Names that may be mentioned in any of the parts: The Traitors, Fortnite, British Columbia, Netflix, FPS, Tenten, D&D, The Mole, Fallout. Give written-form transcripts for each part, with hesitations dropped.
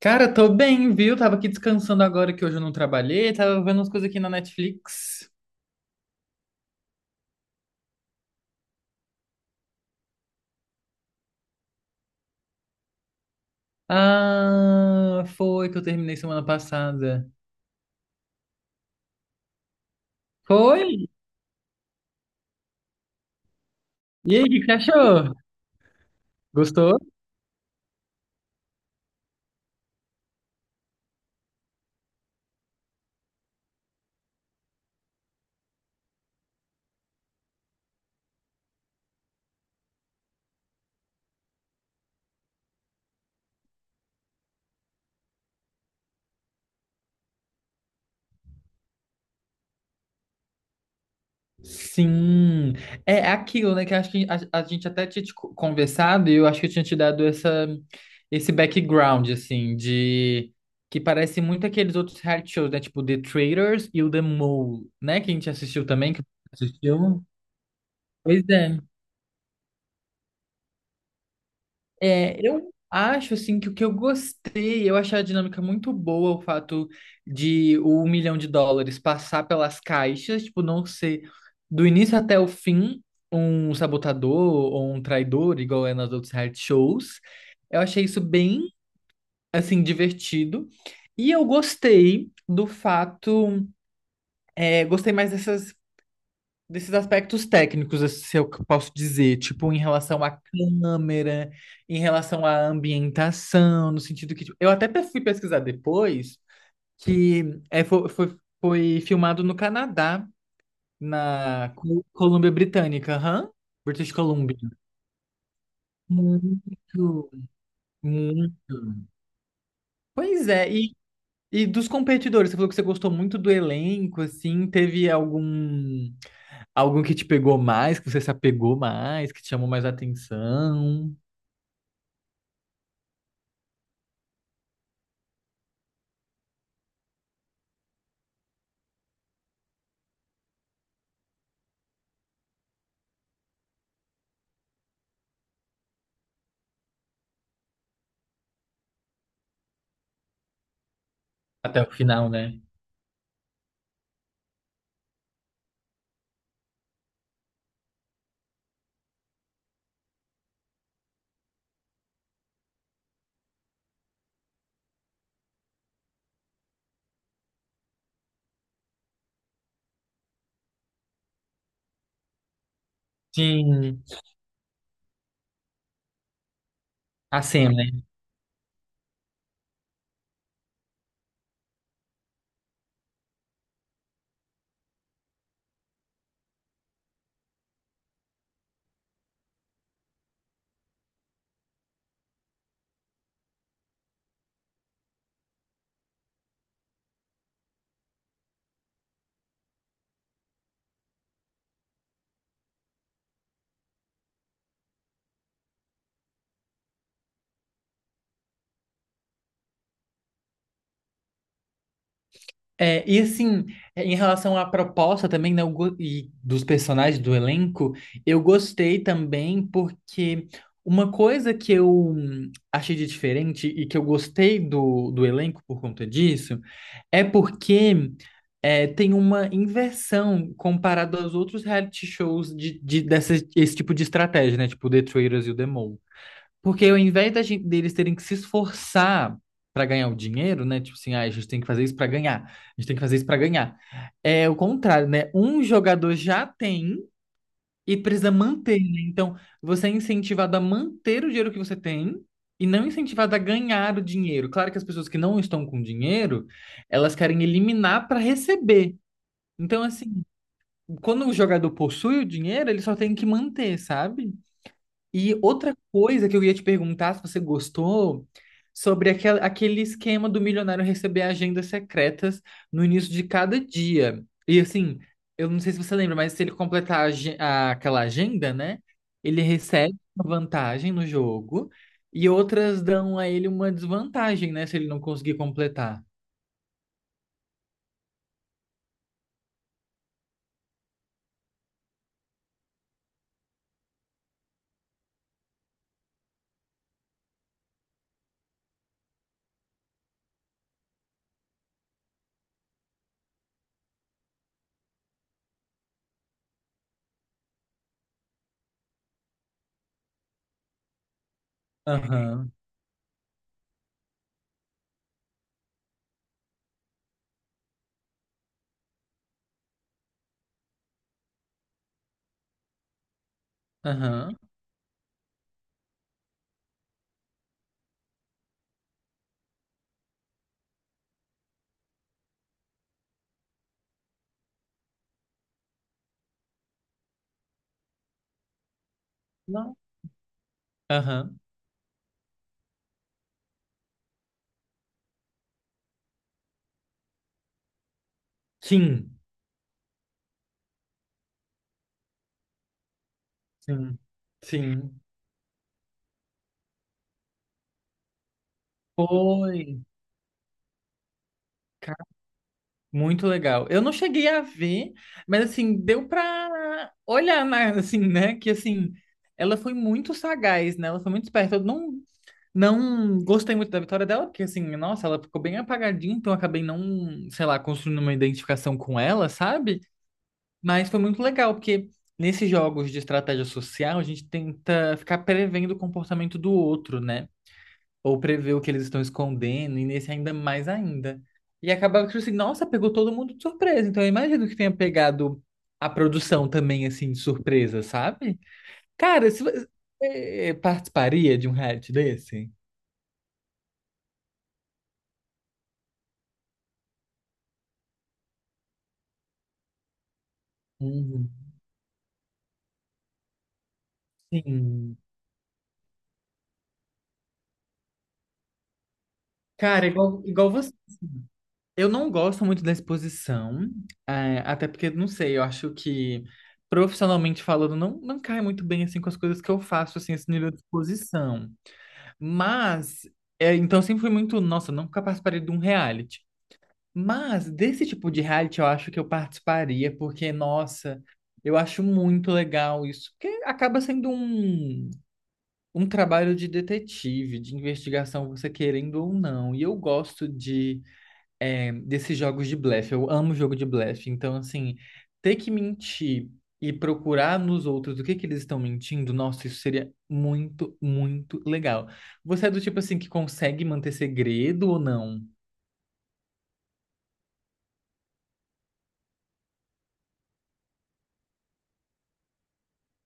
Cara, tô bem, viu? Tava aqui descansando agora que hoje eu não trabalhei, tava vendo umas coisas aqui na Netflix. Ah, foi que eu terminei semana passada. Foi? E aí, o que que você achou? Gostou? Sim. É aquilo, né? Que eu acho que a gente até tinha te conversado e eu acho que eu tinha te dado essa, esse background, assim, de. Que parece muito aqueles outros reality shows, né? Tipo The Traitors e o The Mole, né? Que a gente assistiu também, que você assistiu. Pois é. É, eu acho assim que o que eu gostei, eu achei a dinâmica muito boa, o fato de o US$ 1 milhão passar pelas caixas, tipo, não ser do início até o fim um sabotador ou um traidor, igual é nas outras reality shows. Eu achei isso bem, assim, divertido. E eu gostei do fato, gostei mais dessas desses aspectos técnicos, assim, se eu posso dizer, tipo, em relação à câmera, em relação à ambientação, no sentido que, tipo, eu até fui pesquisar depois que foi filmado no Canadá, na Colômbia Britânica, aham, British Columbia. Muito, muito. Pois é, e dos competidores, você falou que você gostou muito do elenco, assim, teve algum algum que te pegou mais, que você se apegou mais, que te chamou mais atenção até o final, né? Sim, a Sam, né? É, e assim, em relação à proposta também, né, eu e dos personagens do elenco, eu gostei também porque uma coisa que eu achei de diferente e que eu gostei do elenco por conta disso é porque tem uma inversão comparado aos outros reality shows dessa, esse tipo de estratégia, né? Tipo The Traitors e o The Mole. Porque ao invés da gente, deles terem que se esforçar para ganhar o dinheiro, né? Tipo assim, ah, a gente tem que fazer isso para ganhar, a gente tem que fazer isso para ganhar. É o contrário, né? Um jogador já tem e precisa manter, né? Então, você é incentivado a manter o dinheiro que você tem. E não incentivado a ganhar o dinheiro. Claro que as pessoas que não estão com dinheiro, elas querem eliminar para receber. Então, assim, quando o jogador possui o dinheiro, ele só tem que manter, sabe? E outra coisa que eu ia te perguntar, se você gostou, sobre aquele esquema do milionário receber agendas secretas no início de cada dia. E assim, eu não sei se você lembra, mas se ele completar aquela agenda, né? Ele recebe uma vantagem no jogo e outras dão a ele uma desvantagem, né? Se ele não conseguir completar. Aham, aham. Não. Aham. Sim. Sim, sim. Foi, cara, muito legal. Eu não cheguei a ver, mas assim, deu pra olhar, né, assim, né? Que assim, ela foi muito sagaz, né? Ela foi muito esperta. Eu não, não gostei muito da vitória dela, porque assim, nossa, ela ficou bem apagadinha, então eu acabei não, sei lá, construindo uma identificação com ela, sabe? Mas foi muito legal, porque nesses jogos de estratégia social, a gente tenta ficar prevendo o comportamento do outro, né? Ou prever o que eles estão escondendo, e nesse ainda mais ainda. E acabava que, tipo assim, nossa, pegou todo mundo de surpresa. Então eu imagino que tenha pegado a produção também, assim, de surpresa, sabe? Cara, se você participaria de um reality desse? Uhum. Sim. Cara, igual, igual você. Eu não gosto muito da exposição, até porque, não sei, eu acho que profissionalmente falando, não cai muito bem assim com as coisas que eu faço, assim, esse nível de exposição. Mas, então sempre fui muito, nossa, eu nunca participaria de um reality. Mas desse tipo de reality eu acho que eu participaria, porque, nossa, eu acho muito legal isso. Porque acaba sendo um trabalho de detetive, de investigação, você querendo ou não. E eu gosto de desses jogos de blefe. Eu amo jogo de blefe. Então, assim, ter que mentir e procurar nos outros o que que eles estão mentindo, nossa, isso seria muito, muito legal. Você é do tipo assim que consegue manter segredo ou não?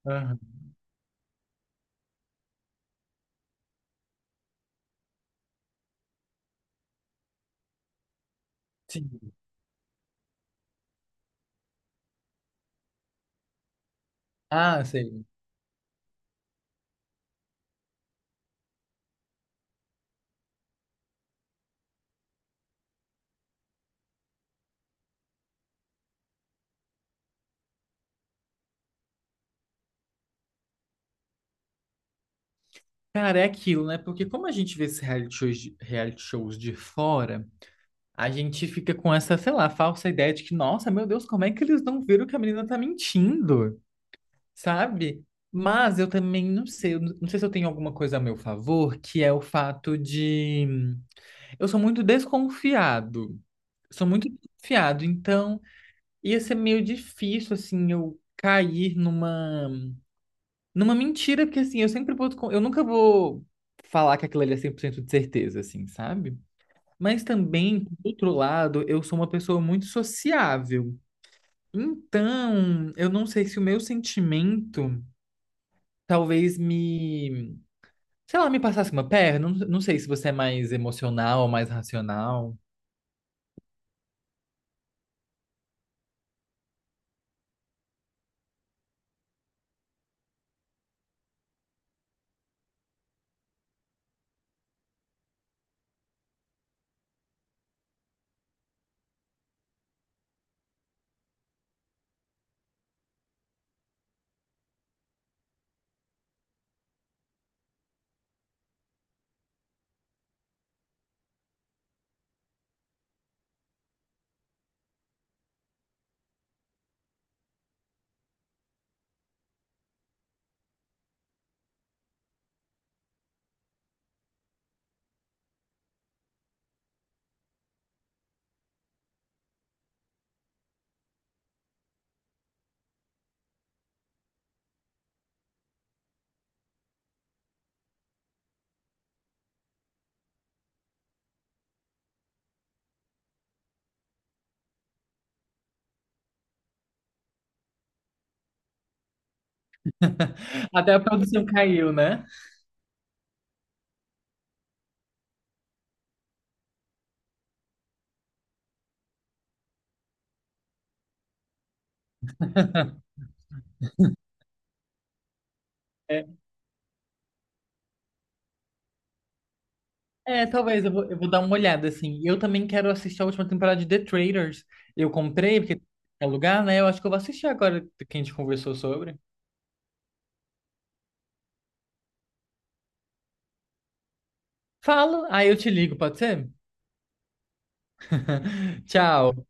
Aham. Sim. Ah, sei. Cara, é aquilo, né? Porque como a gente vê esses reality shows, reality shows de fora, a gente fica com essa, sei lá, falsa ideia de que, nossa, meu Deus, como é que eles não viram que a menina tá mentindo? Sabe? Mas eu também não sei, eu não não sei se eu tenho alguma coisa a meu favor, que é o fato de eu sou muito desconfiado. Sou muito desconfiado, então ia ser meio difícil assim eu cair numa numa mentira, porque assim, eu sempre vou eu nunca vou falar que aquilo ali é 100% de certeza assim, sabe? Mas também, por outro lado, eu sou uma pessoa muito sociável. Então, eu não sei se o meu sentimento talvez me se lá, me passasse uma perna, não sei se você é mais emocional ou mais racional. Até a produção caiu, né? É, talvez eu vou dar uma olhada, assim. Eu também quero assistir a última temporada de The Traitors. Eu comprei, porque é lugar, né? Eu acho que eu vou assistir agora que a gente conversou sobre. Falo, aí eu te ligo, pode ser? Tchau.